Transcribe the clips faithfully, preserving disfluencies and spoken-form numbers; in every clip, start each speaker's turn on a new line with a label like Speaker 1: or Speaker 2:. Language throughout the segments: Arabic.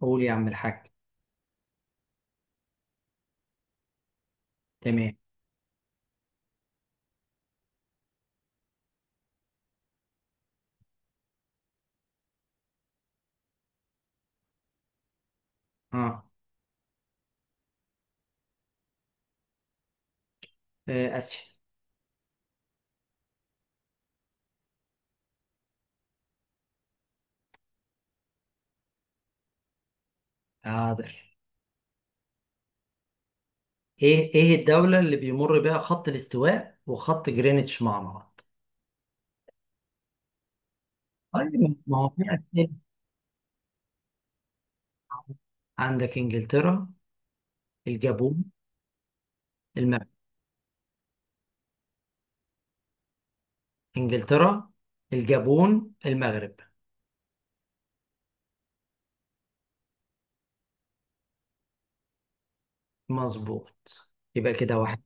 Speaker 1: قول يا عم الحاج. تمام. اه. آه، اسيا. حاضر. ايه ايه الدولة اللي بيمر بها خط الاستواء وخط جرينتش مع بعض؟ طيب، ما هو في اسئلة. عندك انجلترا، الجابون، المغرب. انجلترا، الجابون، المغرب. مظبوط. يبقى كده واحد.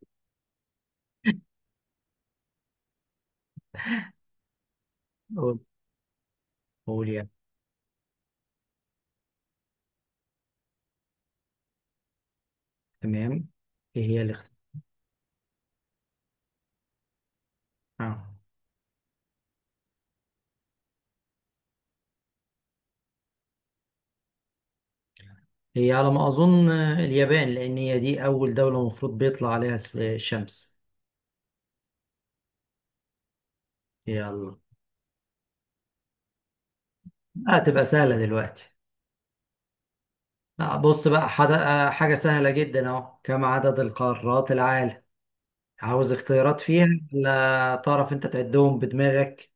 Speaker 1: قول قول يا. تمام. ايه هي الاختيار. آه. هي على ما اظن آه، اليابان، لان هي دي اول دولة المفروض بيطلع عليها الشمس. يلا. هتبقى سهلة دلوقتي. آه، بص بقى، حد... آه، حاجة سهلة جدا اهو، كم عدد القارات العالم؟ عاوز اختيارات فيها، ولا تعرف انت تعدهم بدماغك؟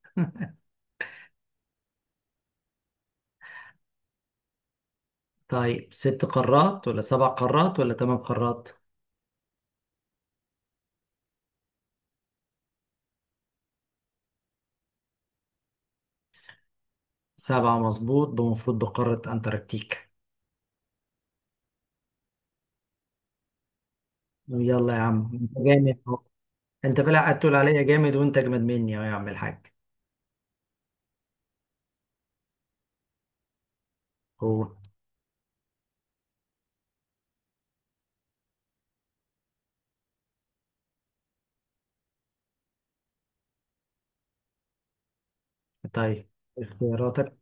Speaker 1: طيب، ست قارات ولا سبع قارات ولا ثمان قارات؟ سبعة مظبوط، بمفروض بقارة انتاركتيكا. يلا يا عم، انت جامد اهو. انت بلا قاعد تقول عليا جامد وانت اجمد مني اهو يا عم الحاج. هو. طيب، اختياراتك.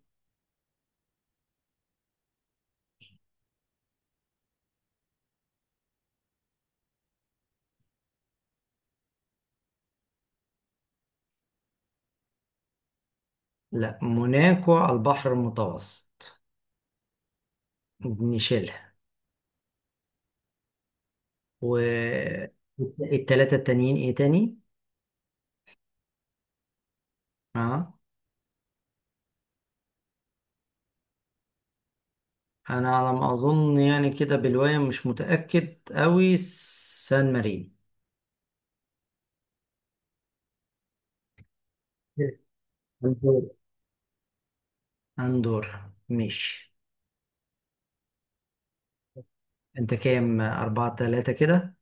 Speaker 1: لا، موناكو على البحر المتوسط. نشيلها. والتلاتة التانيين ايه تاني؟ اه. انا على ما اظن، يعني كده بالواية مش متأكد اوي، سان مارين. أندورا. أندورا ماشي. انت كام؟ أربعة تلاتة كده.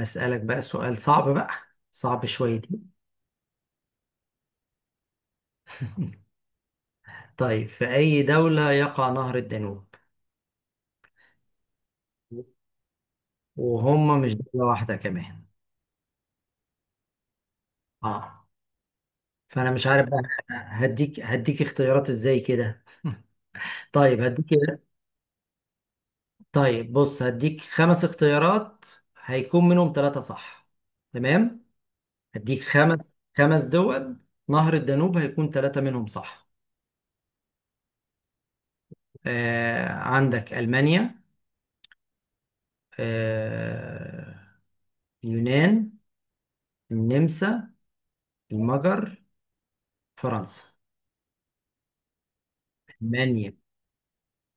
Speaker 1: أسألك بقى سؤال صعب بقى. صعب شويتين. طيب، في أي دولة يقع نهر الدانوب؟ وهم مش دولة واحدة كمان. اه. فأنا مش عارف بقى. هديك هديك اختيارات ازاي كده. طيب هديك. طيب بص، هديك خمس اختيارات. هيكون منهم ثلاثة صح. تمام. هديك خمس خمس دول. نهر الدانوب هيكون ثلاثة منهم صح. آه عندك ألمانيا. آه اليونان، النمسا، المجر، فرنسا. ألمانيا،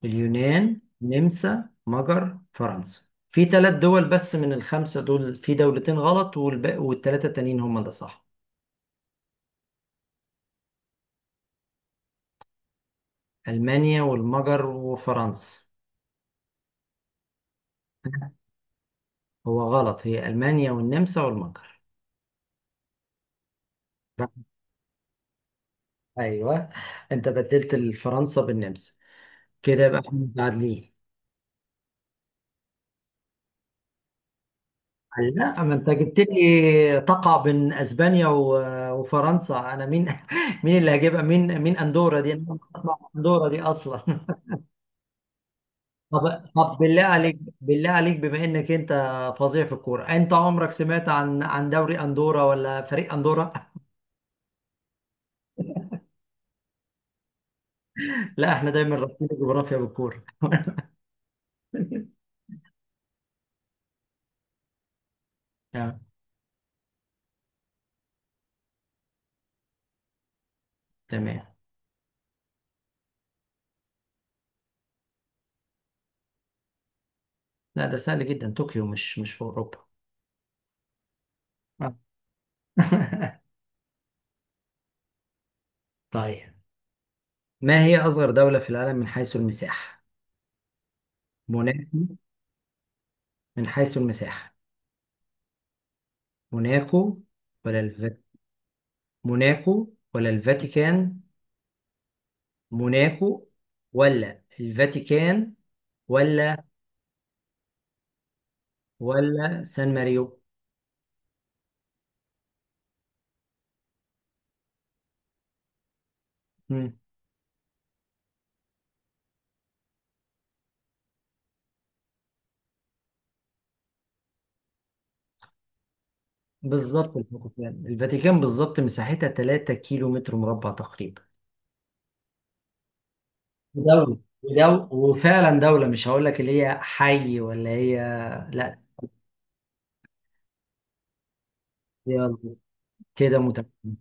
Speaker 1: اليونان، النمسا، مجر، فرنسا. في ثلاث دول بس من الخمسة دول، في دولتين غلط والباقي والثلاثة التانيين هم اللي صح. ألمانيا والمجر وفرنسا. هو غلط، هي ألمانيا والنمسا والمجر. أيوه. أنت بدلت فرنسا بالنمسا. كده يبقى احنا متعادلين. لا، ما أنت جبت لي تقع بين أسبانيا و- وفرنسا، أنا مين. مين اللي هجيبها، مين مين أندورا دي، أنا ما أسمع أندورا دي أصلا. طب طب بالله عليك، بالله عليك، بما إنك أنت فظيع في الكورة، أنت عمرك سمعت عن عن دوري أندورا ولا فريق أندورا؟ لا، احنا دايما رابطين الجغرافيا بالكورة. آه، تمام. لا، ده سهل جدا، طوكيو مش مش في أوروبا. آه. طيب، ما هي أصغر دولة في العالم من حيث المساحة؟ موناكو. من حيث المساحة. موناكو، ولا الف... موناكو ولا الفاتيكان. موناكو ولا الفاتيكان ولا. ولا سان ماريو. مم. بالظبط الفاتيكان، الفاتيكان بالظبط، مساحتها ثلاثة كيلو متر مربع تقريبا. دولة، ودولة وفعلا دولة، مش هقول لك اللي هي حي ولا هي. لا. يلا. كده متكامل.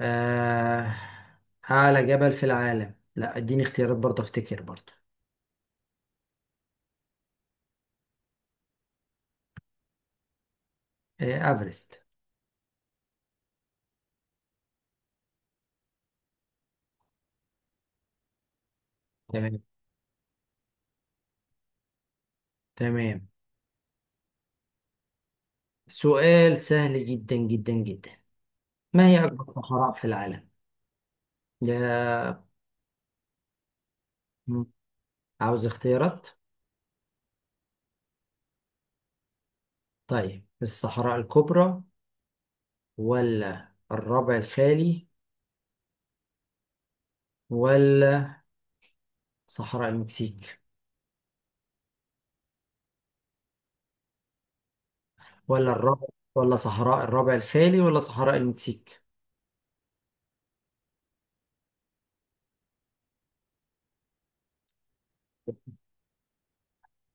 Speaker 1: آه، أعلى جبل في العالم، لا اديني اختيارات برضه، أفتكر برضه. آه، أفرست. تمام. تمام. سؤال سهل جدا جدا جدا. ما هي أكبر صحراء في العالم؟ ده. مم. عاوز اختيارات؟ طيب، الصحراء الكبرى. ولا الربع الخالي. ولا صحراء المكسيك. ولا الربع. ولا صحراء الربع الخالي ولا صحراء المكسيك؟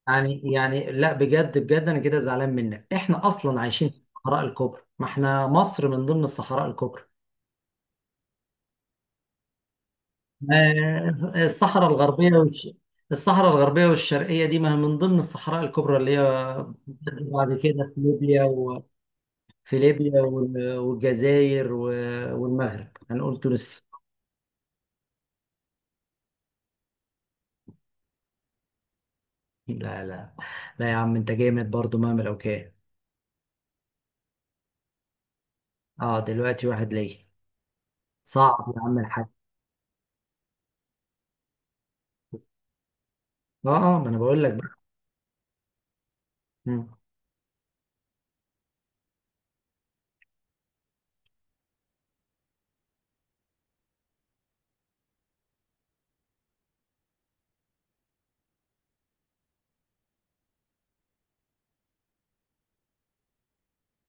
Speaker 1: يعني يعني لا، بجد بجد انا كده زعلان منك، احنا اصلا عايشين في الصحراء الكبرى، ما احنا مصر من ضمن الصحراء الكبرى. آه، الصحراء الغربيه والش... الصحراء الغربيه والشرقيه دي ما هي من ضمن الصحراء الكبرى اللي هي بعد كده في ليبيا، وفي ليبيا وال- والجزائر و- والمغرب، هنقول تونس. لا لا لا يا عم، انت جامد برضو مهما لو كان. اه، دلوقتي واحد ليا. صعب يا عم الحاج. اه. اه، ما انا بقول لك بقى. مم.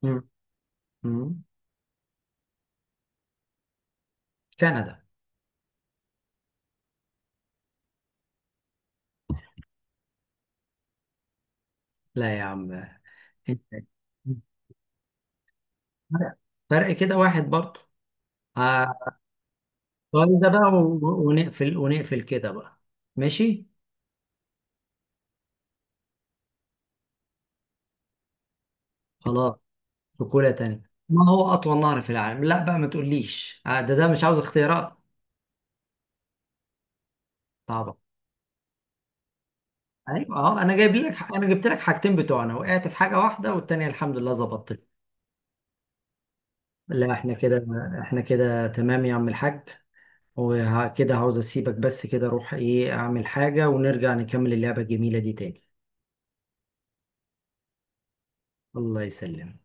Speaker 1: مم. مم. كندا. لا يا عم. انت، فرق فرق كده واحد برضه. آه، السؤال ده بقى و- ونقفل ونقفل كده بقى. ماشي. خلاص. بكولة تانية، ما هو أطول نهر في العالم؟ لا بقى، ما تقوليش آه، ده ده مش عاوز اختيارات. طبعا. ايوه اهو، انا جايب لك انا جبت لك حاجتين بتوعنا، وقعت في حاجه واحده والتانيه الحمد لله ظبطت. لا، احنا كده. احنا كده تمام يا عم الحاج. وكده عاوز اسيبك، بس كده اروح ايه اعمل حاجه، ونرجع نكمل اللعبه الجميله دي تاني. الله يسلمك.